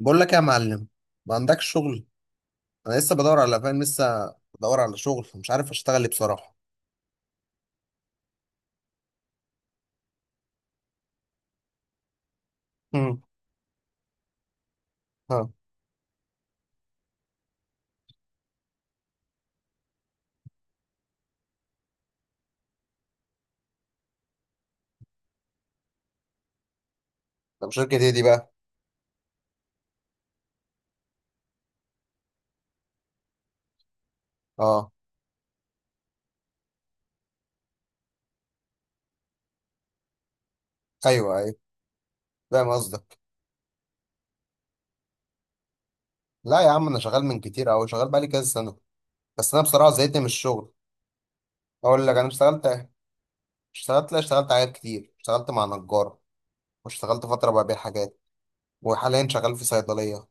بقول لك يا معلم، ما عندكش شغل؟ انا لسه بدور على فاهم، لسه بدور على شغل، مش عارف اشتغل ايه بصراحه. امم. ها، طب شركه ايه دي بقى؟ اه، ايوه ايوه، فاهم قصدك. لا يا عم، انا شغال من كتير قوي، شغال بقالي كذا سنه، بس انا بصراحه زهقت من الشغل. اقول لك انا اشتغلت. اشتغلت لا اشتغلت حاجات كتير، اشتغلت مع نجار، واشتغلت فتره ببيع حاجات، وحاليا شغال في صيدليه.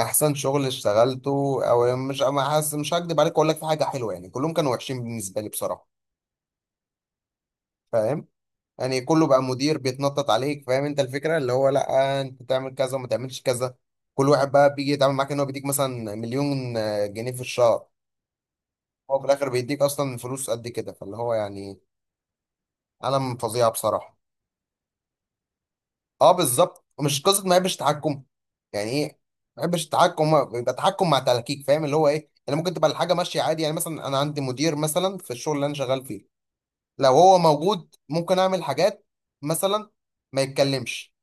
احسن شغل اشتغلته؟ او مش ما حاسس، مش هكدب عليك، اقول لك في حاجه حلوه يعني، كلهم كانوا وحشين بالنسبه لي بصراحه. فاهم، يعني كله بقى مدير بيتنطط عليك، فاهم انت الفكره، اللي هو لا انت تعمل كذا وما تعملش كذا. كل واحد بقى بيجي يتعامل معاك ان هو بيديك مثلا مليون جنيه في الشهر. هو في الاخر بيديك اصلا فلوس قد كده، فاللي هو يعني عالم فظيع بصراحه. اه بالظبط، مش قصه ما يحبش تحكم. يعني ايه؟ ما يحبش التحكم، هو بيبقى تحكم مع تلكيك، فاهم اللي هو ايه، يعني ممكن تبقى الحاجه ماشيه عادي. يعني مثلا انا عندي مدير مثلا في الشغل اللي انا شغال فيه، لو هو موجود ممكن اعمل حاجات. مثلا ما يتكلمش.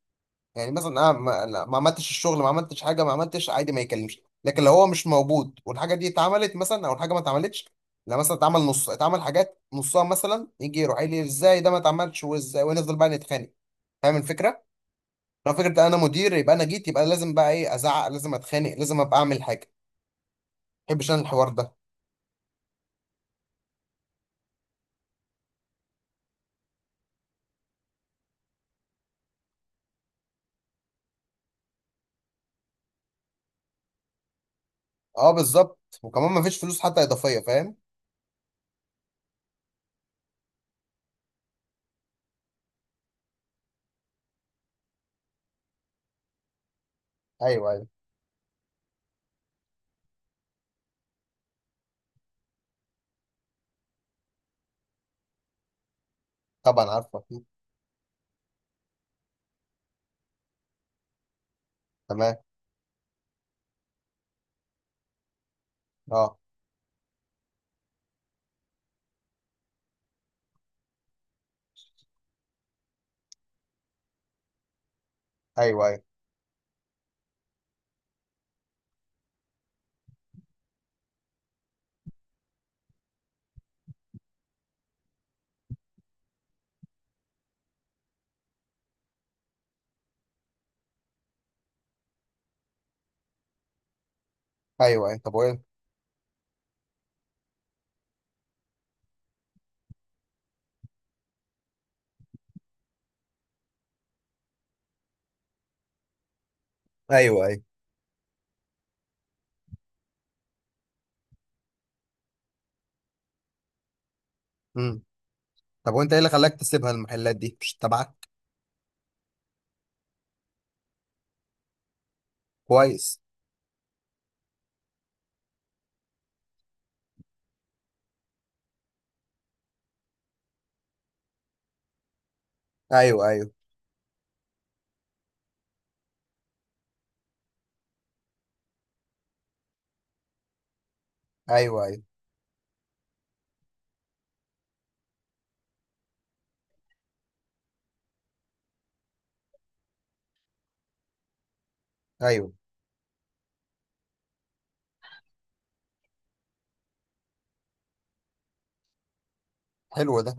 يعني مثلا انا ما عملتش الشغل، ما عملتش حاجه، ما عملتش عادي، ما يكلمش. لكن لو هو مش موجود والحاجه دي اتعملت مثلا، او الحاجه ما اتعملتش، لا مثلا اتعمل نص، اتعمل حاجات نصها مثلا، يجي يروح قايل لي ازاي ده ما اتعملش وازاي، ونفضل بقى نتخانق. فاهم الفكره؟ لو فكره انا مدير يبقى انا جيت، يبقى لازم بقى ايه، ازعق، لازم اتخانق، لازم ابقى اعمل حاجه. ما بحبش انا الحوار ده. اه بالظبط، وكمان ما فيش فلوس حتى اضافيه، فاهم. ايوه ايوه. طبعا عارفه. تمام. اه. ايوه ايوه. ايوه ايوه، طب وايه؟ ايوه ايوه، طب وانت ايه اللي خلاك تسيبها المحلات دي مش تبعك؟ كويس. ايوه ايوه. ايوه ايوه. ايوه. حلو ده.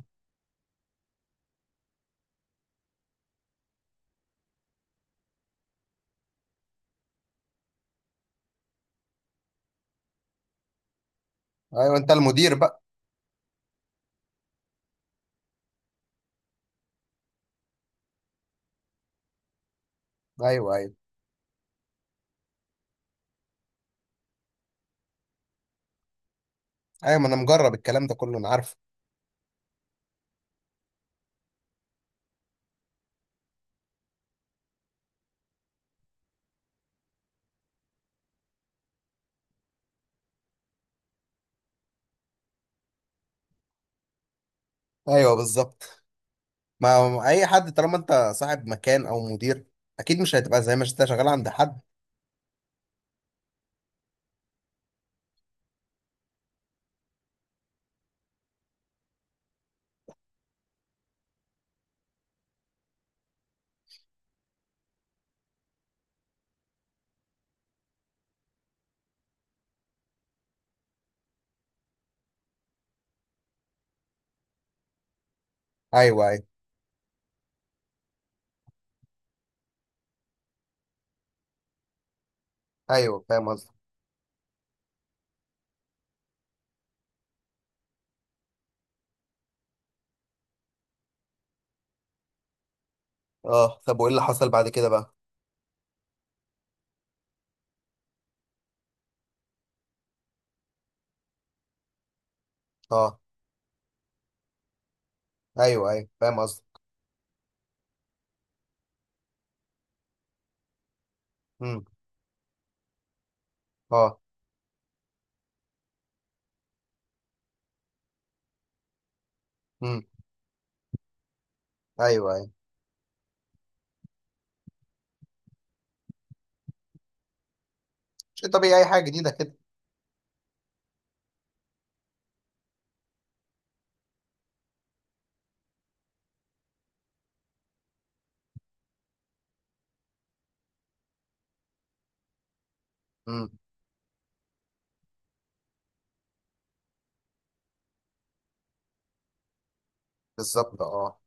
ايوه، انت المدير بقى. ايوه ايوه. ايوه، ما انا مجرب الكلام ده كله، انا عارفه. ايوه بالظبط. ما اي حد طالما انت صاحب مكان او مدير، اكيد مش هتبقى زي ما انت شغال عند حد. ايوه ايوه. ايوه، فاهم قصدك. اه، طب وايه اللي حصل بعد كده بقى؟ اه، ايوه ايوه، فاهم قصدك. امم. اه. امم. ايوه ايوه. شيء طبيعي، اي حاجه جديده كده. امم. بالظبط. اه.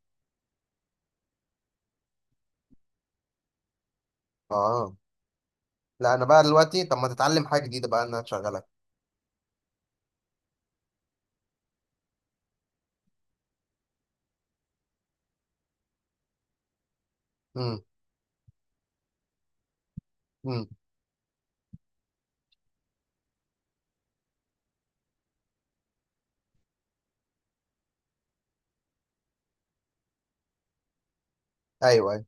اه لا، انا بقى دلوقتي، طب ما تتعلم حاجه جديده بقى، ان انا اشغلك. امم. امم. ايوه ايوه.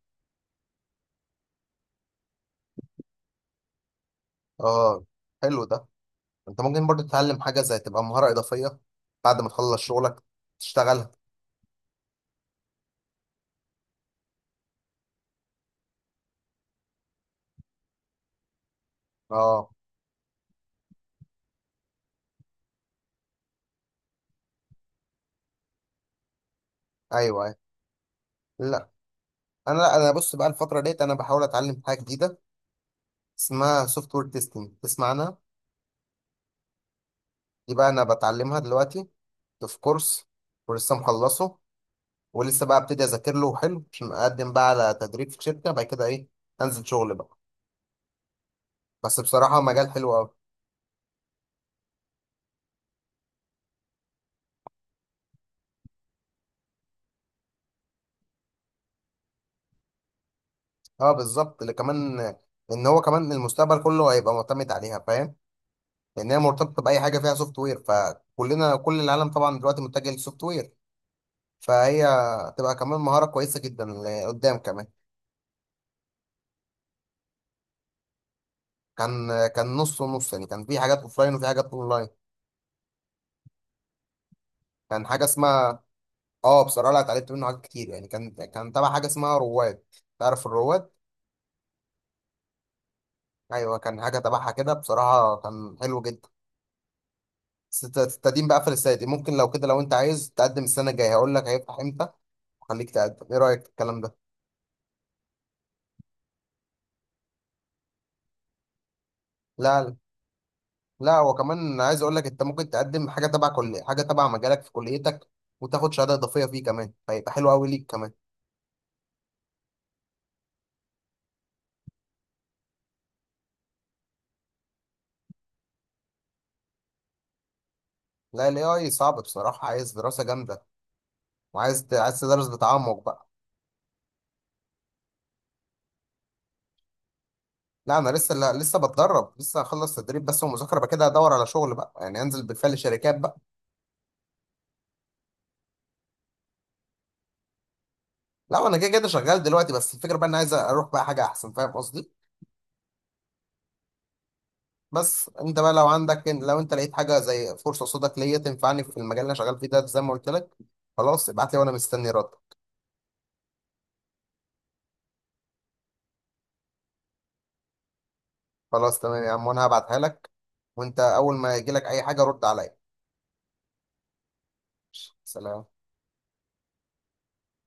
اه، حلو ده. انت ممكن برضو تتعلم حاجه، زي تبقى مهاره اضافيه بعد ما تخلص شغلك تشتغلها. اه. ايوه ايوه. لا لا انا بص بقى، الفتره ديت انا بحاول اتعلم حاجه جديده اسمها سوفت وير تيستنج، تسمع عنها؟ دي بقى انا بتعلمها دلوقتي، في كورس، ولسه مخلصه، ولسه بقى ابتدي اذاكر له حلو، عشان اقدم بقى على تدريب في شركه بعد كده ايه، انزل شغل بقى. بس بصراحه مجال حلو قوي. اه بالظبط، اللي كمان ان هو كمان المستقبل كله هيبقى معتمد عليها، فاهم، لان هي مرتبطه باي حاجه فيها سوفت وير، فكلنا كل العالم طبعا دلوقتي متجه للسوفت وير، فهي تبقى كمان مهاره كويسه جدا لقدام كمان. كان نص ونص يعني، كان في حاجات اوفلاين وفي حاجات اونلاين. كان حاجه اسمها، اه بصراحه لا اتعلمت منه حاجات كتير يعني، كان تبع حاجه اسمها رواد، تعرف الرواد؟ ايوه، كان حاجه تبعها كده، بصراحه كان حلو جدا. بس التقديم بقى قفل السنه دي. ممكن لو كده، لو انت عايز تقدم السنه الجايه هقول لك هيفتح امتى، خليك تقدم. ايه رايك في الكلام ده؟ لا لا. لا، وكمان عايز اقول لك، انت ممكن تقدم حاجه تبع كل حاجه تبع مجالك في كليتك، وتاخد شهاده اضافيه فيه كمان، فيبقى حلو قوي ليك كمان. لا الاي اي صعب بصراحه، عايز دراسه جامده، عايز تدرس بتعمق بقى. لا انا لسه، لا لسه بتدرب، لسه هخلص تدريب بس ومذاكره بقى كده، ادور على شغل بقى يعني، انزل بالفعل شركات بقى. لا انا كده كده شغال دلوقتي، بس الفكره بقى انا عايز اروح بقى حاجه احسن، فاهم قصدي. بس انت بقى لو عندك، لو انت لقيت حاجه زي فرصه قصادك ليا تنفعني في المجال اللي انا شغال فيه ده، زي ما قلت لك، خلاص ابعت لي وانا مستني رد. خلاص تمام يا عم، وانا هبعتها لك، وانت اول ما يجي لك اي حاجه رد عليا. سلام.